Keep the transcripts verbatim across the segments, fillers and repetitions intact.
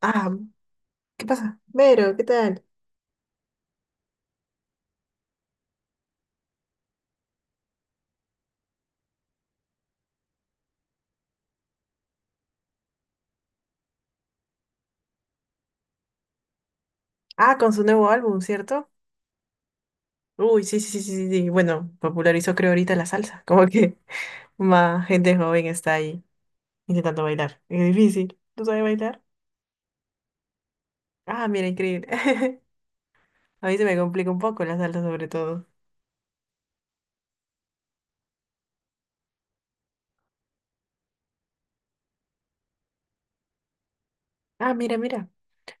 Ah, ¿qué pasa? Vero, ¿qué tal? Ah, con su nuevo álbum, ¿cierto? Uy, sí, sí, sí, sí, sí. Sí. Bueno, popularizó creo ahorita la salsa. Como que más gente joven está ahí intentando bailar. Es difícil. ¿No sabe bailar? Ah, mira, increíble. A mí se me complica un poco la salsa sobre todo. Ah, mira, mira.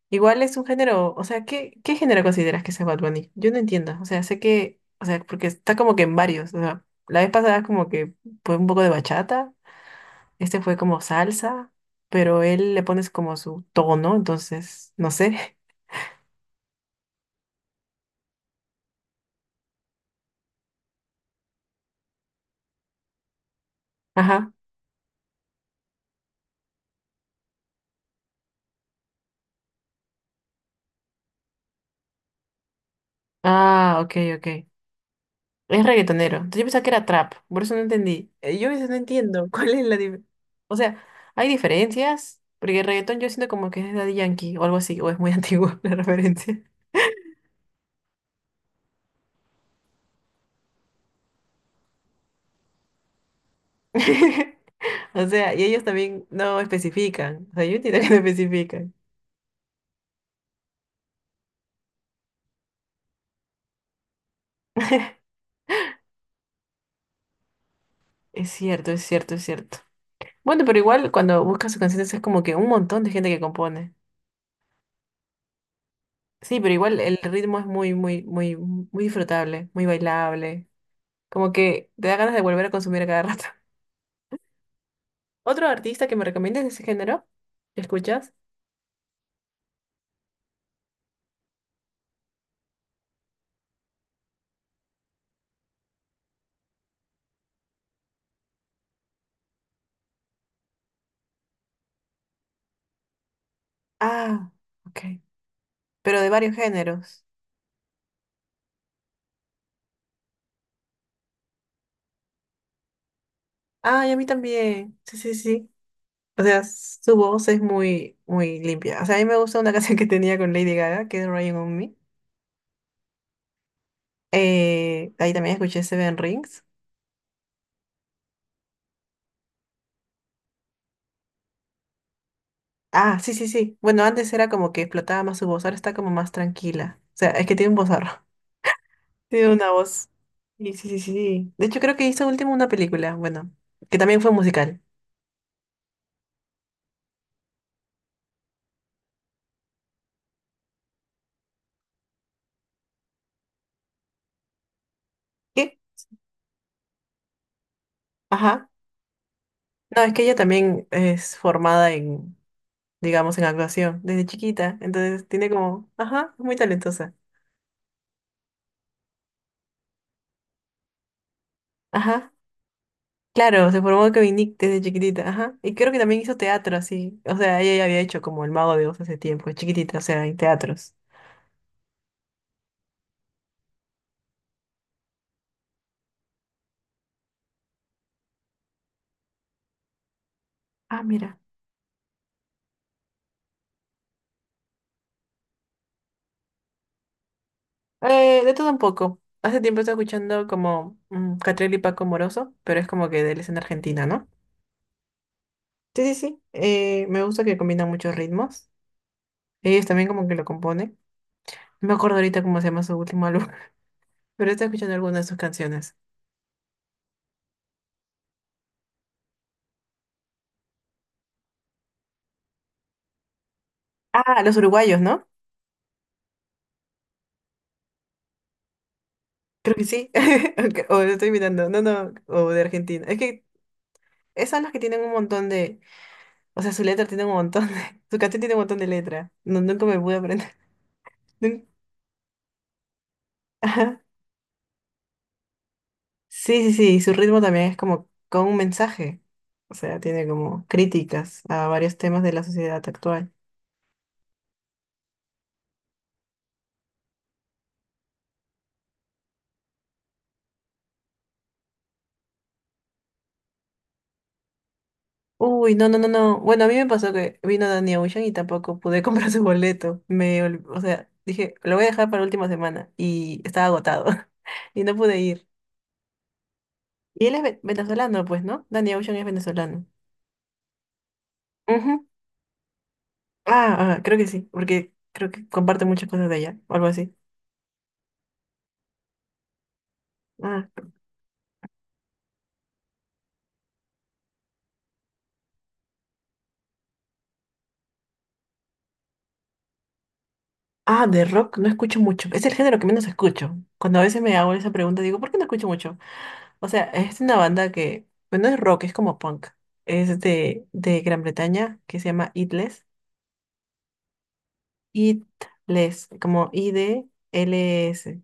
Igual es un género, o sea, ¿qué, qué género consideras que sea Bad Bunny? Yo no entiendo. O sea, sé que, o sea, porque está como que en varios. O sea, la vez pasada como que fue un poco de bachata. Este fue como salsa, pero él le pones como su tono, entonces, no sé. Ajá. Ah, ok, ok. Es reggaetonero. Entonces yo pensaba que era trap, por eso no entendí. Eh, Yo a veces no entiendo cuál es la diferencia. O sea, hay diferencias, porque el reggaetón yo siento como que es de Daddy Yankee o algo así, o es muy antiguo la referencia. O sea, y ellos también no especifican. O sea, yo entiendo que no especifican. Es cierto, es cierto, es cierto. Bueno, pero igual cuando buscas sus canciones es como que un montón de gente que compone. Sí, pero igual el ritmo es muy, muy, muy, muy disfrutable, muy bailable. Como que te da ganas de volver a consumir a cada rato. ¿Otro artista que me recomiendes de ese género? ¿Lo escuchas? Ah, ok. Pero de varios géneros. Ah, y a mí también. Sí, sí, sí. O sea, su voz es muy, muy limpia. O sea, a mí me gusta una canción que tenía con Lady Gaga, que es Ryan on Me. Eh, ahí también escuché Seven Rings. Ah, sí, sí, sí. Bueno, antes era como que explotaba más su voz, ahora está como más tranquila. O sea, es que tiene un vozarrón. Tiene una voz. Sí, sí, sí, sí. Sí. De hecho, creo que hizo último una película, bueno, que también fue musical. ¿Qué? Ajá. No, es que ella también es formada en, digamos, en actuación desde chiquita. Entonces tiene como, ajá, es muy talentosa. Ajá. Claro, se formó con Nick desde chiquitita, ajá. Y creo que también hizo teatro, así. O sea, ella ya había hecho como El Mago de Oz hace tiempo, chiquitita, o sea, en teatros. Ah, mira. Eh, de todo un poco. Hace tiempo estoy escuchando como mm, Catriel y Paco Moroso, pero es como que de él es en Argentina, ¿no? Sí, sí, sí. Eh, me gusta que combina muchos ritmos. Ellos también como que lo componen. No me acuerdo ahorita cómo se llama su último álbum, pero estoy escuchando algunas de sus canciones. Ah, los uruguayos, ¿no? Creo que sí. Aunque... O lo estoy mirando. No, no. O de Argentina. Es que esas son las que tienen un montón de... O sea, su letra tiene un montón de... Su canción tiene un montón de letra. No, nunca me pude aprender. Nun- Ajá. Sí, sí, sí. Y su ritmo también es como con un mensaje. O sea, tiene como críticas a varios temas de la sociedad actual. Uy, no, no, no, no. Bueno, a mí me pasó que vino Danny Ocean y tampoco pude comprar su boleto. Me, ol- o sea, dije, lo voy a dejar para la última semana y estaba agotado y no pude ir. Y él es ve- venezolano, pues, ¿no? Danny Ocean es venezolano. Ujú. Ah, ah, creo que sí, porque creo que comparte muchas cosas de allá, o algo así. Ah, de rock no escucho mucho. Es el género que menos escucho. Cuando a veces me hago esa pregunta, digo, ¿por qué no escucho mucho? O sea, es una banda que, bueno, es rock, es como punk. Es de, de Gran Bretaña, que se llama Itless. Itless, como I D L S.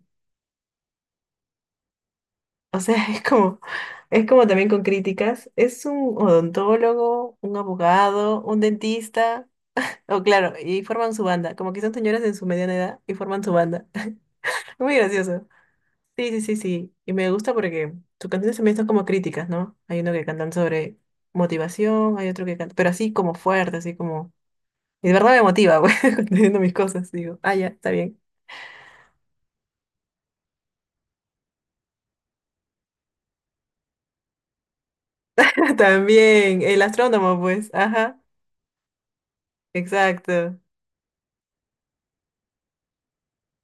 O sea, es como, es como también con críticas. Es un odontólogo, un abogado, un dentista. Oh, claro, y forman su banda. Como que son señoras en su mediana edad y forman su banda. Muy gracioso. Sí, sí, sí, sí. Y me gusta porque sus canciones también son como críticas, ¿no? Hay uno que cantan sobre motivación, hay otro que canta, pero así como fuerte, así como... Y de verdad me motiva, pues, cuando estoy viendo mis cosas, digo, ah, ya, está bien. También, el astrónomo, pues, ajá, exacto.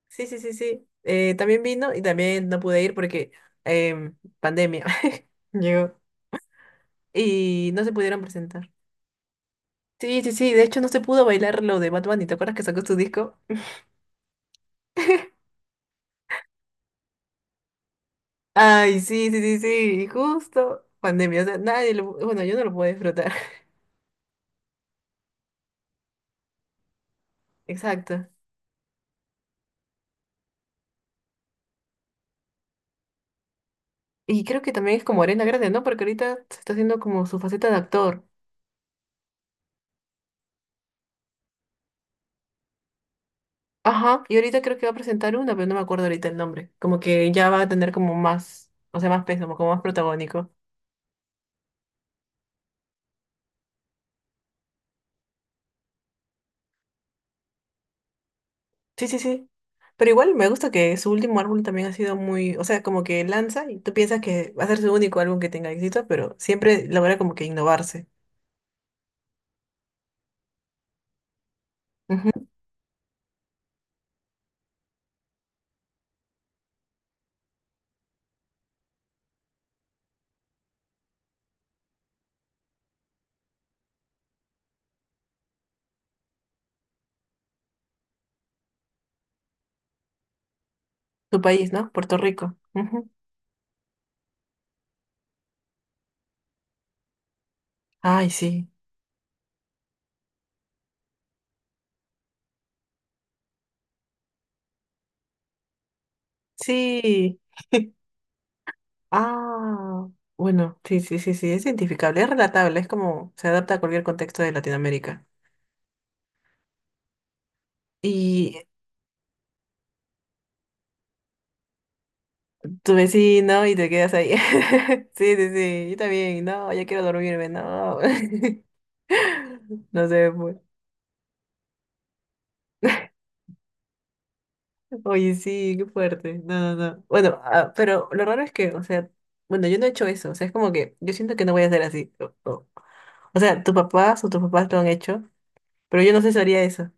Sí, sí, sí, sí. Eh, también vino y también no pude ir porque em, pandemia llegó y no se pudieron presentar. Sí, sí, sí, de hecho no se pudo bailar lo de Bad Bunny, ¿te acuerdas que sacó su disco? Ay, sí, sí, sí, sí, y justo pandemia, o sea, nadie lo, bueno, yo no lo puedo disfrutar, exacto. Y creo que también es como Arena Grande, ¿no? Porque ahorita se está haciendo como su faceta de actor. Ajá, y ahorita creo que va a presentar una, pero no me acuerdo ahorita el nombre. Como que ya va a tener como más, o sea, más peso, como más protagónico. Sí, sí, sí. Pero igual me gusta que su último álbum también ha sido muy, o sea, como que lanza y tú piensas que va a ser su único álbum que tenga éxito, pero siempre logra como que innovarse. Ujú. Tu país, ¿no? Puerto Rico. Ujú. Ay, sí. Sí. Ah, bueno, sí, sí, sí, sí, es identificable, es relatable, es como se adapta a cualquier contexto de Latinoamérica. Y tu vecino y te quedas ahí. Sí, sí, sí, yo también, no, ya quiero dormirme, no. No sé, pues. Oye, sí, qué fuerte. No, no, no. Bueno, ah, pero lo raro es que, o sea, bueno, yo no he hecho eso, o sea, es como que yo siento que no voy a hacer así. O, o- o sea, tus papás o tus papás lo han hecho, pero yo no sé si haría eso.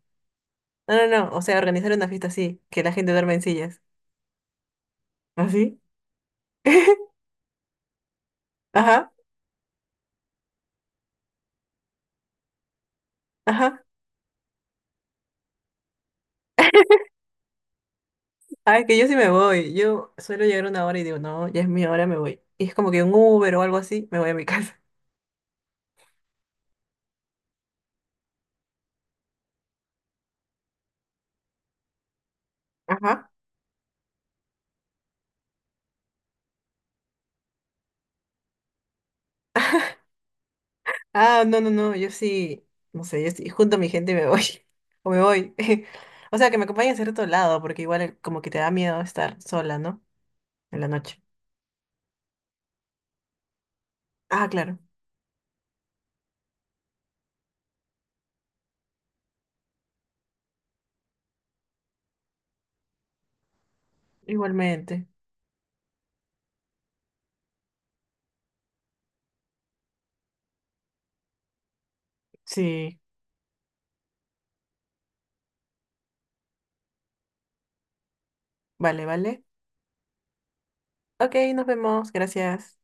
No, no, no, o sea, organizar una fiesta así, que la gente duerma en sillas. ¿Así? Ajá, ajá. Ay, que yo sí me voy. Yo suelo llegar una hora y digo, no, ya es mi hora, me voy. Y es como que un Uber o algo así, me voy a mi casa. Ajá. Ah, no, no, no, yo sí, no sé, yo sí, junto a mi gente y me voy. O me voy. O sea, que me acompañen a cierto lado, porque igual como que te da miedo estar sola, ¿no? En la noche. Ah, claro, igualmente. Sí, vale, vale. Ok, nos vemos, gracias.